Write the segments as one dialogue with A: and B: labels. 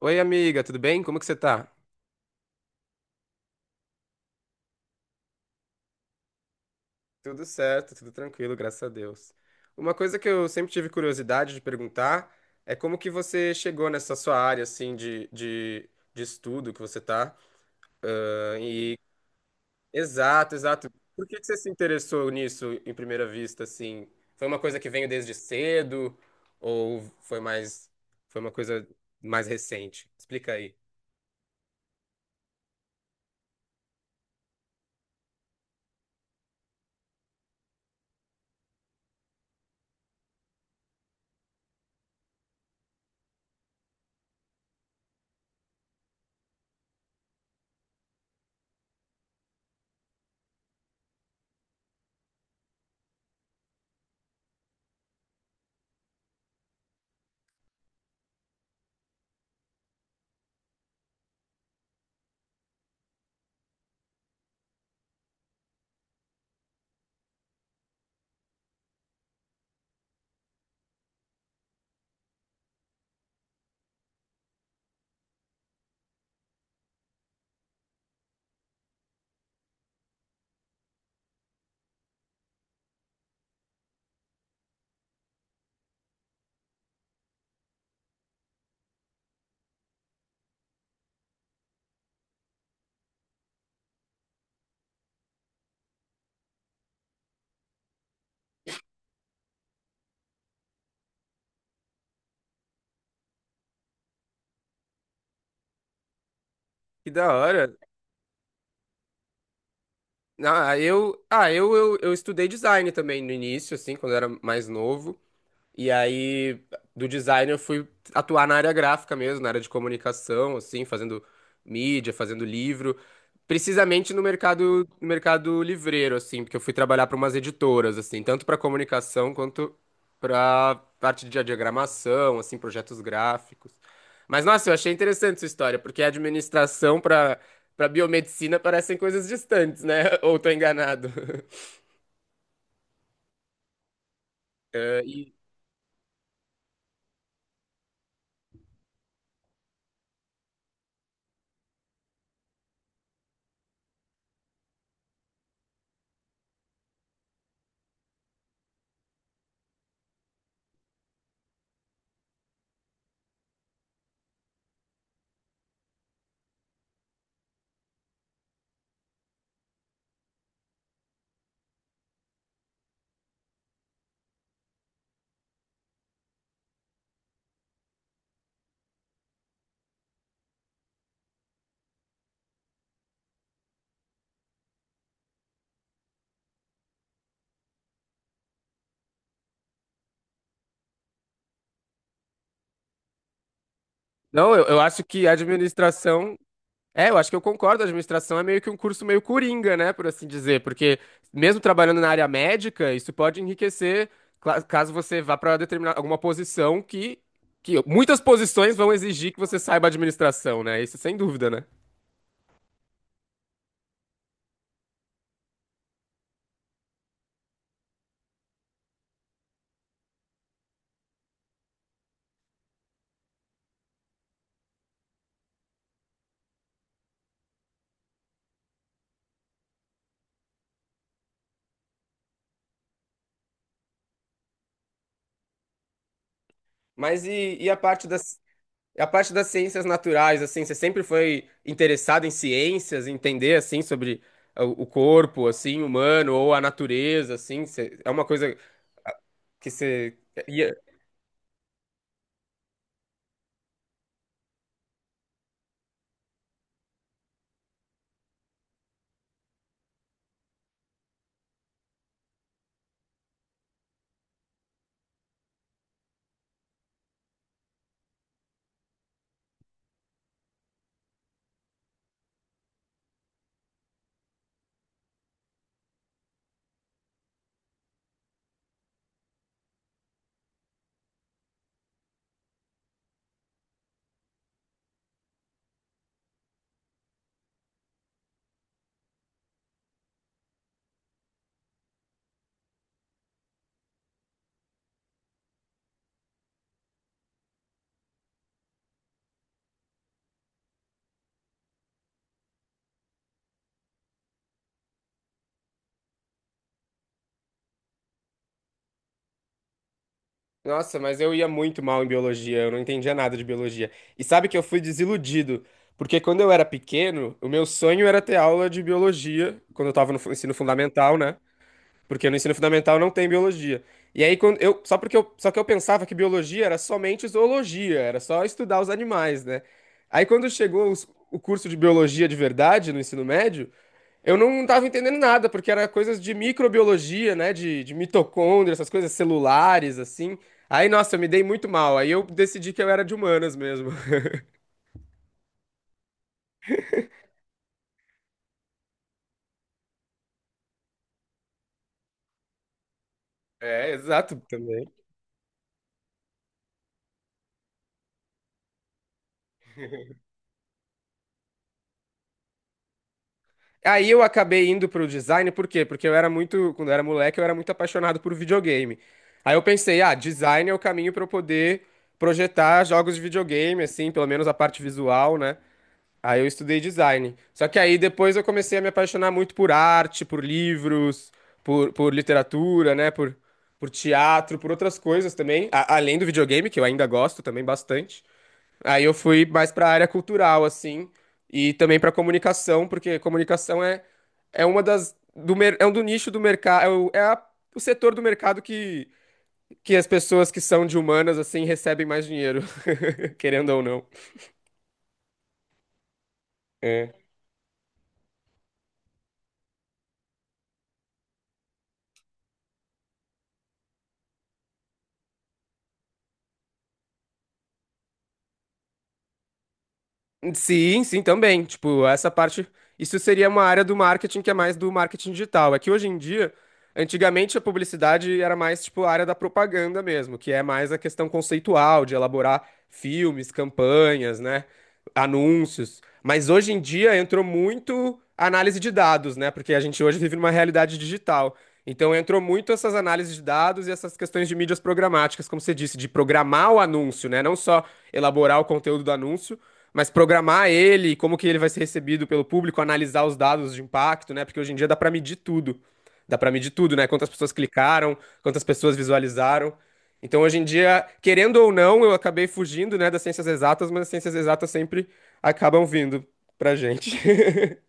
A: Oi, amiga, tudo bem? Como que você tá? Tudo certo, tudo tranquilo, graças a Deus. Uma coisa que eu sempre tive curiosidade de perguntar é como que você chegou nessa sua área, assim, de estudo que você tá. Ah, E Exato, exato. Por que que você se interessou nisso em primeira vista, assim? Foi uma coisa que veio desde cedo ou foi mais, foi uma coisa mais recente? Explica aí. Que da hora. Eu estudei design também no início, assim, quando eu era mais novo. E aí, do design, eu fui atuar na área gráfica mesmo, na área de comunicação, assim, fazendo mídia, fazendo livro, precisamente no mercado, no mercado livreiro, assim, porque eu fui trabalhar para umas editoras, assim, tanto para comunicação quanto para parte de diagramação, assim, projetos gráficos. Mas, nossa, eu achei interessante essa história, porque a administração para biomedicina parecem coisas distantes, né? Ou tô enganado. Eh, e- Não, eu acho que a administração é, eu acho que eu concordo. A administração é meio que um curso meio coringa, né, por assim dizer, porque mesmo trabalhando na área médica, isso pode enriquecer caso você vá para determinar alguma posição que muitas posições vão exigir que você saiba administração, né? Isso sem dúvida, né? Mas e a parte das ciências naturais, assim, você sempre foi interessado em ciências, em entender assim sobre o corpo, assim, humano ou a natureza, assim, você- é uma coisa que você Nossa, mas eu ia muito mal em biologia, eu não entendia nada de biologia. E sabe que eu fui desiludido, porque quando eu era pequeno, o meu sonho era ter aula de biologia, quando eu tava no ensino fundamental, né? Porque no ensino fundamental não tem biologia. E aí quando eu, só porque eu, só que eu pensava que biologia era somente zoologia, era só estudar os animais, né? Aí quando chegou o curso de biologia de verdade no ensino médio, eu não estava entendendo nada, porque era coisas de microbiologia, né? De mitocôndria, essas coisas celulares, assim. Aí, nossa, eu me dei muito mal. Aí eu decidi que eu era de humanas mesmo. É, exato, também. Aí eu acabei indo pro design, por quê? Porque eu era muito, quando eu era moleque, eu era muito apaixonado por videogame. Aí eu pensei, ah, design é o caminho para eu poder projetar jogos de videogame, assim, pelo menos a parte visual, né? Aí eu estudei design. Só que aí depois eu comecei a me apaixonar muito por arte, por livros, por literatura, né? Por teatro, por outras coisas também. Além do videogame, que eu ainda gosto também bastante. Aí eu fui mais pra área cultural, assim. E também pra comunicação, porque comunicação é, é uma das. Do, é um do nicho do mercado. É, o, o setor do mercado que as pessoas que são de humanas, assim, recebem mais dinheiro, querendo ou não. É. Sim, sim, também. Tipo, essa parte, isso seria uma área do marketing que é mais do marketing digital. É que hoje em dia, antigamente a publicidade era mais tipo a área da propaganda mesmo, que é mais a questão conceitual de elaborar filmes, campanhas, né, anúncios. Mas hoje em dia entrou muito a análise de dados, né? Porque a gente hoje vive numa realidade digital. Então entrou muito essas análises de dados e essas questões de mídias programáticas, como você disse, de programar o anúncio, né? Não só elaborar o conteúdo do anúncio, mas programar ele, como que ele vai ser recebido pelo público, analisar os dados de impacto, né? Porque hoje em dia dá para medir tudo. Dá para medir tudo, né? Quantas pessoas clicaram, quantas pessoas visualizaram. Então, hoje em dia, querendo ou não, eu acabei fugindo, né, das ciências exatas, mas as ciências exatas sempre acabam vindo pra gente.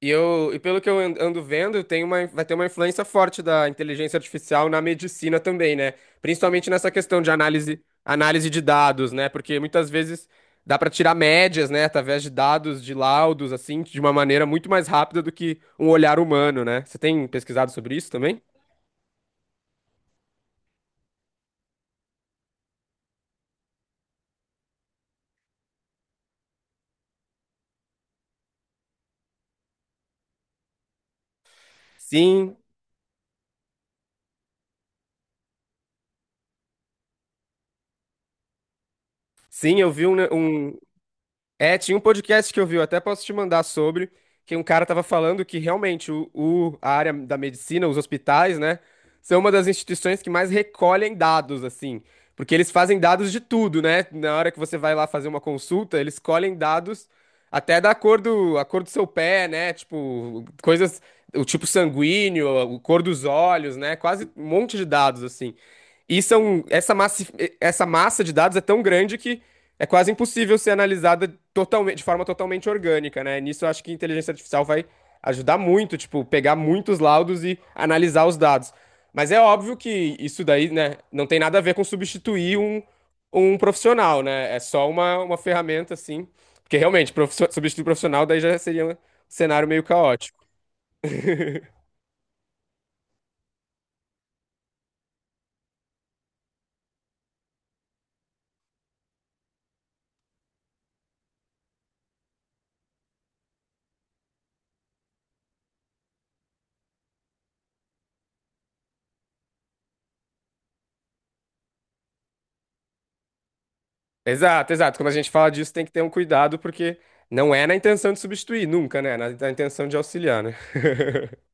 A: E eu, e pelo que eu ando vendo, tem uma, vai ter uma influência forte da inteligência artificial na medicina também, né? Principalmente nessa questão de análise, análise de dados, né? Porque muitas vezes dá para tirar médias, né, através de dados, de laudos, assim, de uma maneira muito mais rápida do que um olhar humano, né? Você tem pesquisado sobre isso também? Sim, sim, eu vi um, é, tinha um podcast que eu vi, eu até posso te mandar sobre, que um cara tava falando que realmente a área da medicina, os hospitais, né, são uma das instituições que mais recolhem dados, assim, porque eles fazem dados de tudo, né? Na hora que você vai lá fazer uma consulta, eles colhem dados até da cor do, a cor do seu pé, né? Tipo, coisas, o tipo sanguíneo, a cor dos olhos, né? Quase um monte de dados, assim. E são, essa massa de dados é tão grande que é quase impossível ser analisada totalmente, de forma totalmente orgânica, né? Nisso eu acho que a inteligência artificial vai ajudar muito, tipo, pegar muitos laudos e analisar os dados. Mas é óbvio que isso daí, né, não tem nada a ver com substituir um, um profissional, né? É só uma ferramenta, assim. Porque realmente, substituir profissional daí já seria um cenário meio caótico. Exato, exato. Quando a gente fala disso, tem que ter um cuidado, porque não é na intenção de substituir, nunca, né? Na intenção de auxiliar, né?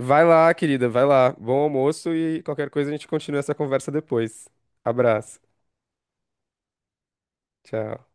A: Vai lá, querida, vai lá. Bom almoço e qualquer coisa a gente continua essa conversa depois. Abraço. Tchau.